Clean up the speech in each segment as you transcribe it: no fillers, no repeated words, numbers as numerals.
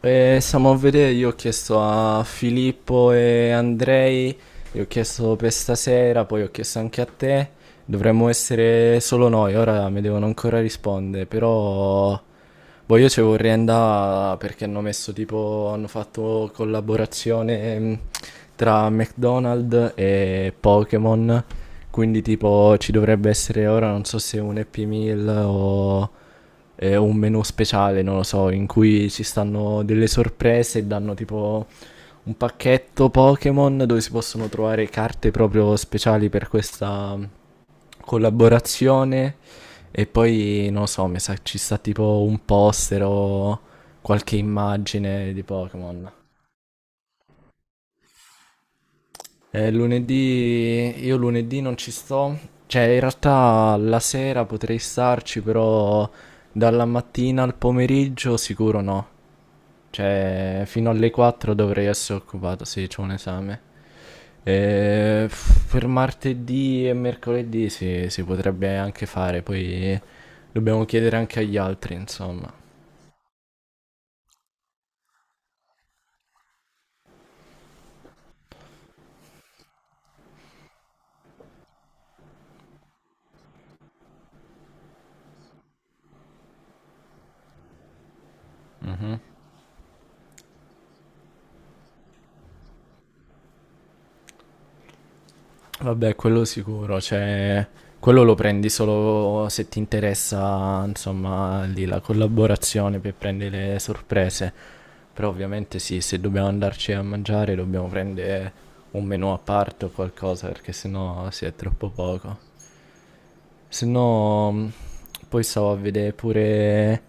E siamo a vedere, io ho chiesto a Filippo e Andrei, gli ho chiesto per stasera, poi ho chiesto anche a te. Dovremmo essere solo noi, ora mi devono ancora rispondere, però boh, io ci vorrei andare perché hanno messo tipo, hanno fatto collaborazione tra McDonald's e Pokémon, quindi tipo ci dovrebbe essere ora, non so se un Happy Meal o un menu speciale, non lo so, in cui ci stanno delle sorprese e danno tipo un pacchetto Pokémon dove si possono trovare carte proprio speciali per questa, collaborazione. E poi non lo so, mi sa che ci sta tipo un poster o qualche immagine di Pokémon. Lunedì, io lunedì non ci sto, cioè in realtà la sera potrei starci, però dalla mattina al pomeriggio sicuro no. Cioè, fino alle 4 dovrei essere occupato, sì, c'ho un esame. Per martedì e mercoledì sì, si potrebbe anche fare, poi dobbiamo chiedere anche agli altri, insomma. Vabbè, quello sicuro, cioè, quello lo prendi solo se ti interessa, insomma, lì la collaborazione per prendere le sorprese. Però ovviamente sì, se dobbiamo andarci a mangiare dobbiamo prendere un menù a parte o qualcosa, perché sennò si è troppo poco. Se no, poi stavo a vedere pure...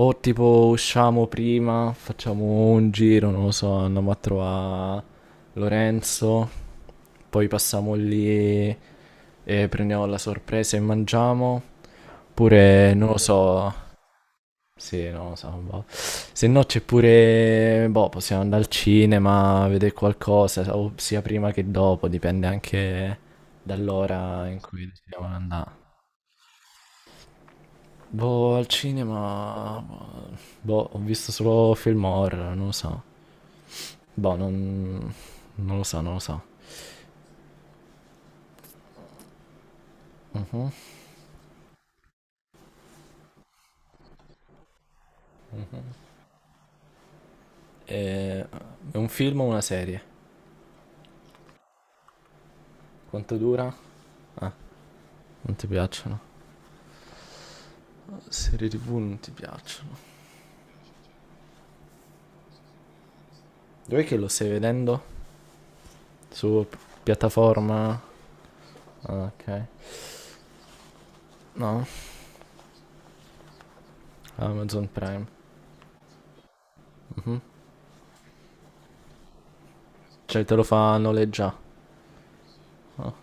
O tipo usciamo prima, facciamo un giro, non lo so, andiamo a trovare Lorenzo, poi passiamo lì e prendiamo la sorpresa e mangiamo. Oppure, non lo so, sì, non lo so, boh. Se no c'è pure, boh, possiamo andare al cinema, a vedere qualcosa, o sia prima che dopo, dipende anche dall'ora in cui decidiamo di andare. Boh, al cinema, boh, ho visto solo film horror, non lo so. Boh, non, non lo so, non lo so. Mhm. Eh, è un film o una serie? Quanto dura? Ah, non ti piacciono. Serie TV non ti piacciono. Dov'è che lo stai vedendo? Su piattaforma? Ah, ok. No, Amazon Prime. Mhm. Cioè te lo fa noleggiare. Ah,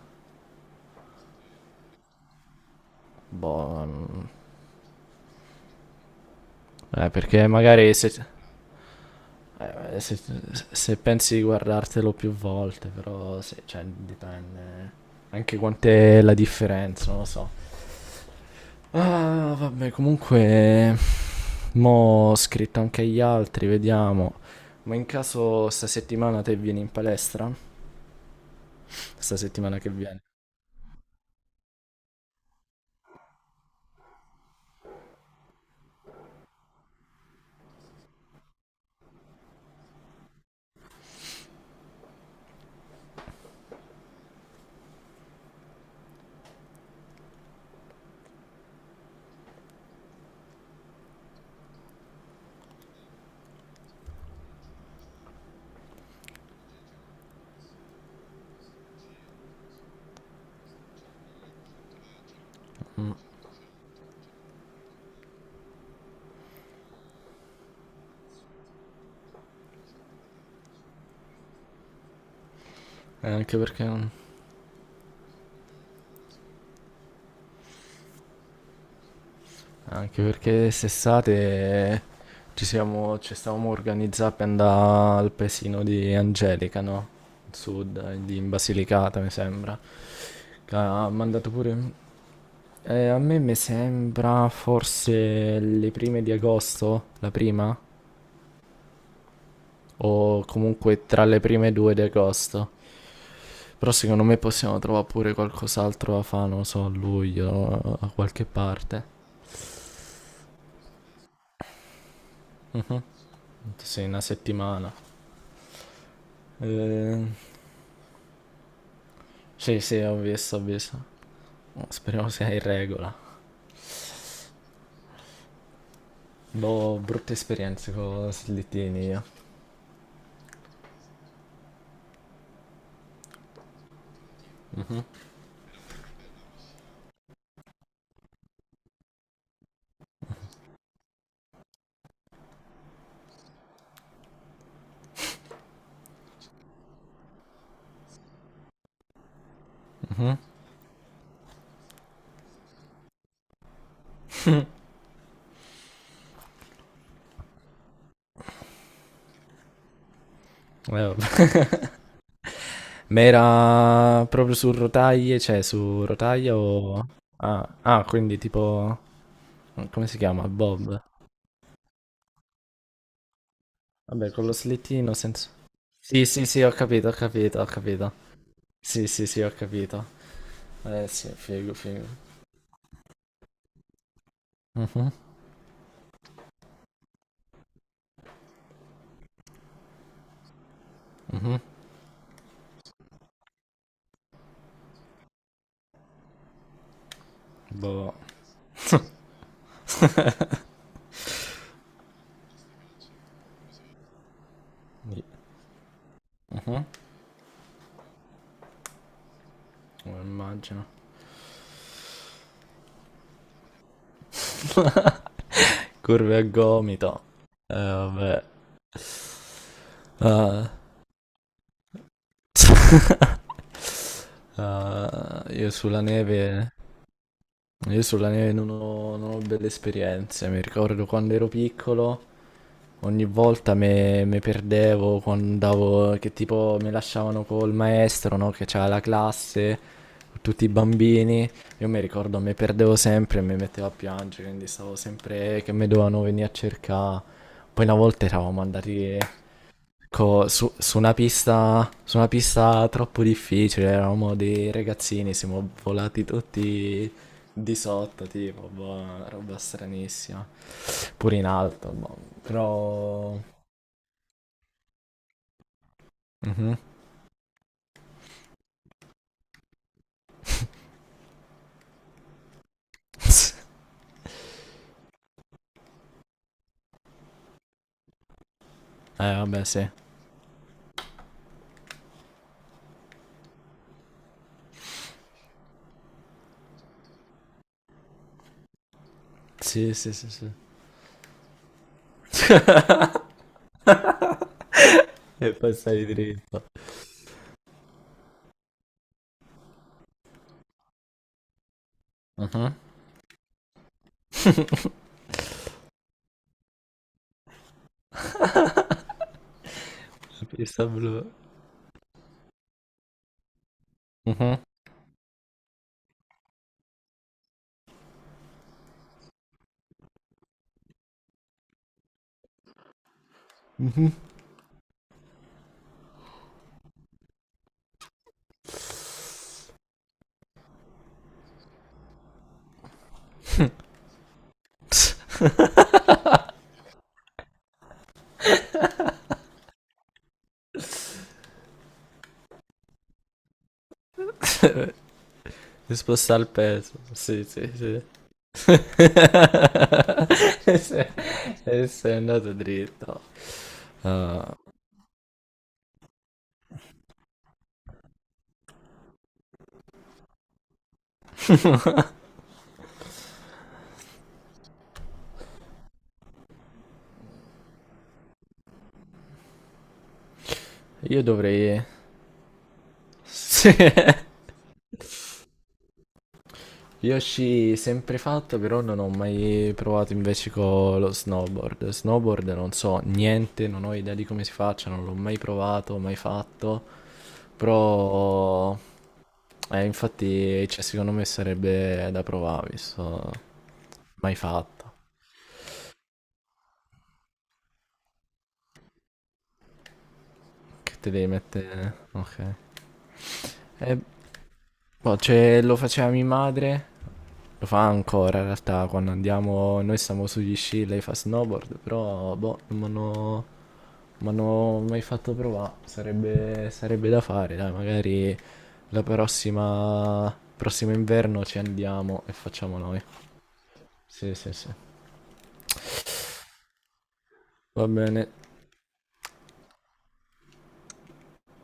boh. Mm. Perché magari se, se, se pensi di guardartelo più volte, però se, cioè, dipende anche quant'è la differenza, non lo so. Ah, vabbè, comunque mo' ho scritto anche agli altri, vediamo. Ma in caso sta settimana te vieni in palestra? Sta settimana che viene. Mm, Anche perché st'estate ci stavamo organizzando per andare al paesino di Angelica, no? Al Sud, in Basilicata, mi sembra. Che ha mandato pure... a me mi sembra forse le prime di agosto, la prima? O comunque tra le prime due di agosto. Però secondo me possiamo trovare pure qualcos'altro da fare, non lo so, a luglio, a qualche parte. Tanto sì, una settimana. Eh, sì, sì, ho visto, ho visto. Speriamo sia in regola. Boh, brutte esperienze con slittini io. Mhm. Vabbè. Ma era proprio su rotaie, cioè su rotaia o... Ah, ah, quindi tipo... Come si chiama? Bob. Vabbè, con lo slittino senza... Sì, sì, sì, ho capito, ho capito, ho capito. Sì, sì, sì, ho capito. Eh sì, figo, figo. Mhm, mhm, boh. Sì, mhm, come immagino. Curve a gomito. Vabbè. Ah. Ah, io sulla neve... Io sulla neve non ho belle esperienze. Mi ricordo quando ero piccolo. Ogni volta me perdevo quando andavo, che tipo mi lasciavano col maestro, no? Che c'era la classe, tutti i bambini. Io mi ricordo, me perdevo sempre e mi mettevo a piangere, quindi stavo sempre che mi dovevano venire a cercare. Poi una volta eravamo andati su una pista, su una pista troppo difficile, eravamo dei ragazzini, siamo volati tutti di sotto, tipo, boh, una roba stranissima. Pure in alto, boh. Però mhm. Vabbè, sì. Sì, sì, sì, sì. E passare dritto. Mhm. La pista blu. Mhm. Di spostare il peso. Sì, sì, sì. e sei, e sei andato dritto. Ah. io dovrei sì. Yoshi sempre fatto, però non ho mai provato invece con lo snowboard. Snowboard non so niente, non ho idea di come si faccia, non l'ho mai provato, mai fatto. Però, infatti, cioè, secondo me sarebbe da provare, visto mai fatto. Che te devi mettere... Ok. Eh, boh, cioè, lo faceva mia madre, lo fa ancora in realtà, quando andiamo, noi stiamo sugli sci, lei fa snowboard, però boh, non m'hanno non m'hanno mai fatto provare, sarebbe da fare, dai, magari prossimo inverno ci andiamo e facciamo noi. Sì, sì, sì. Va bene.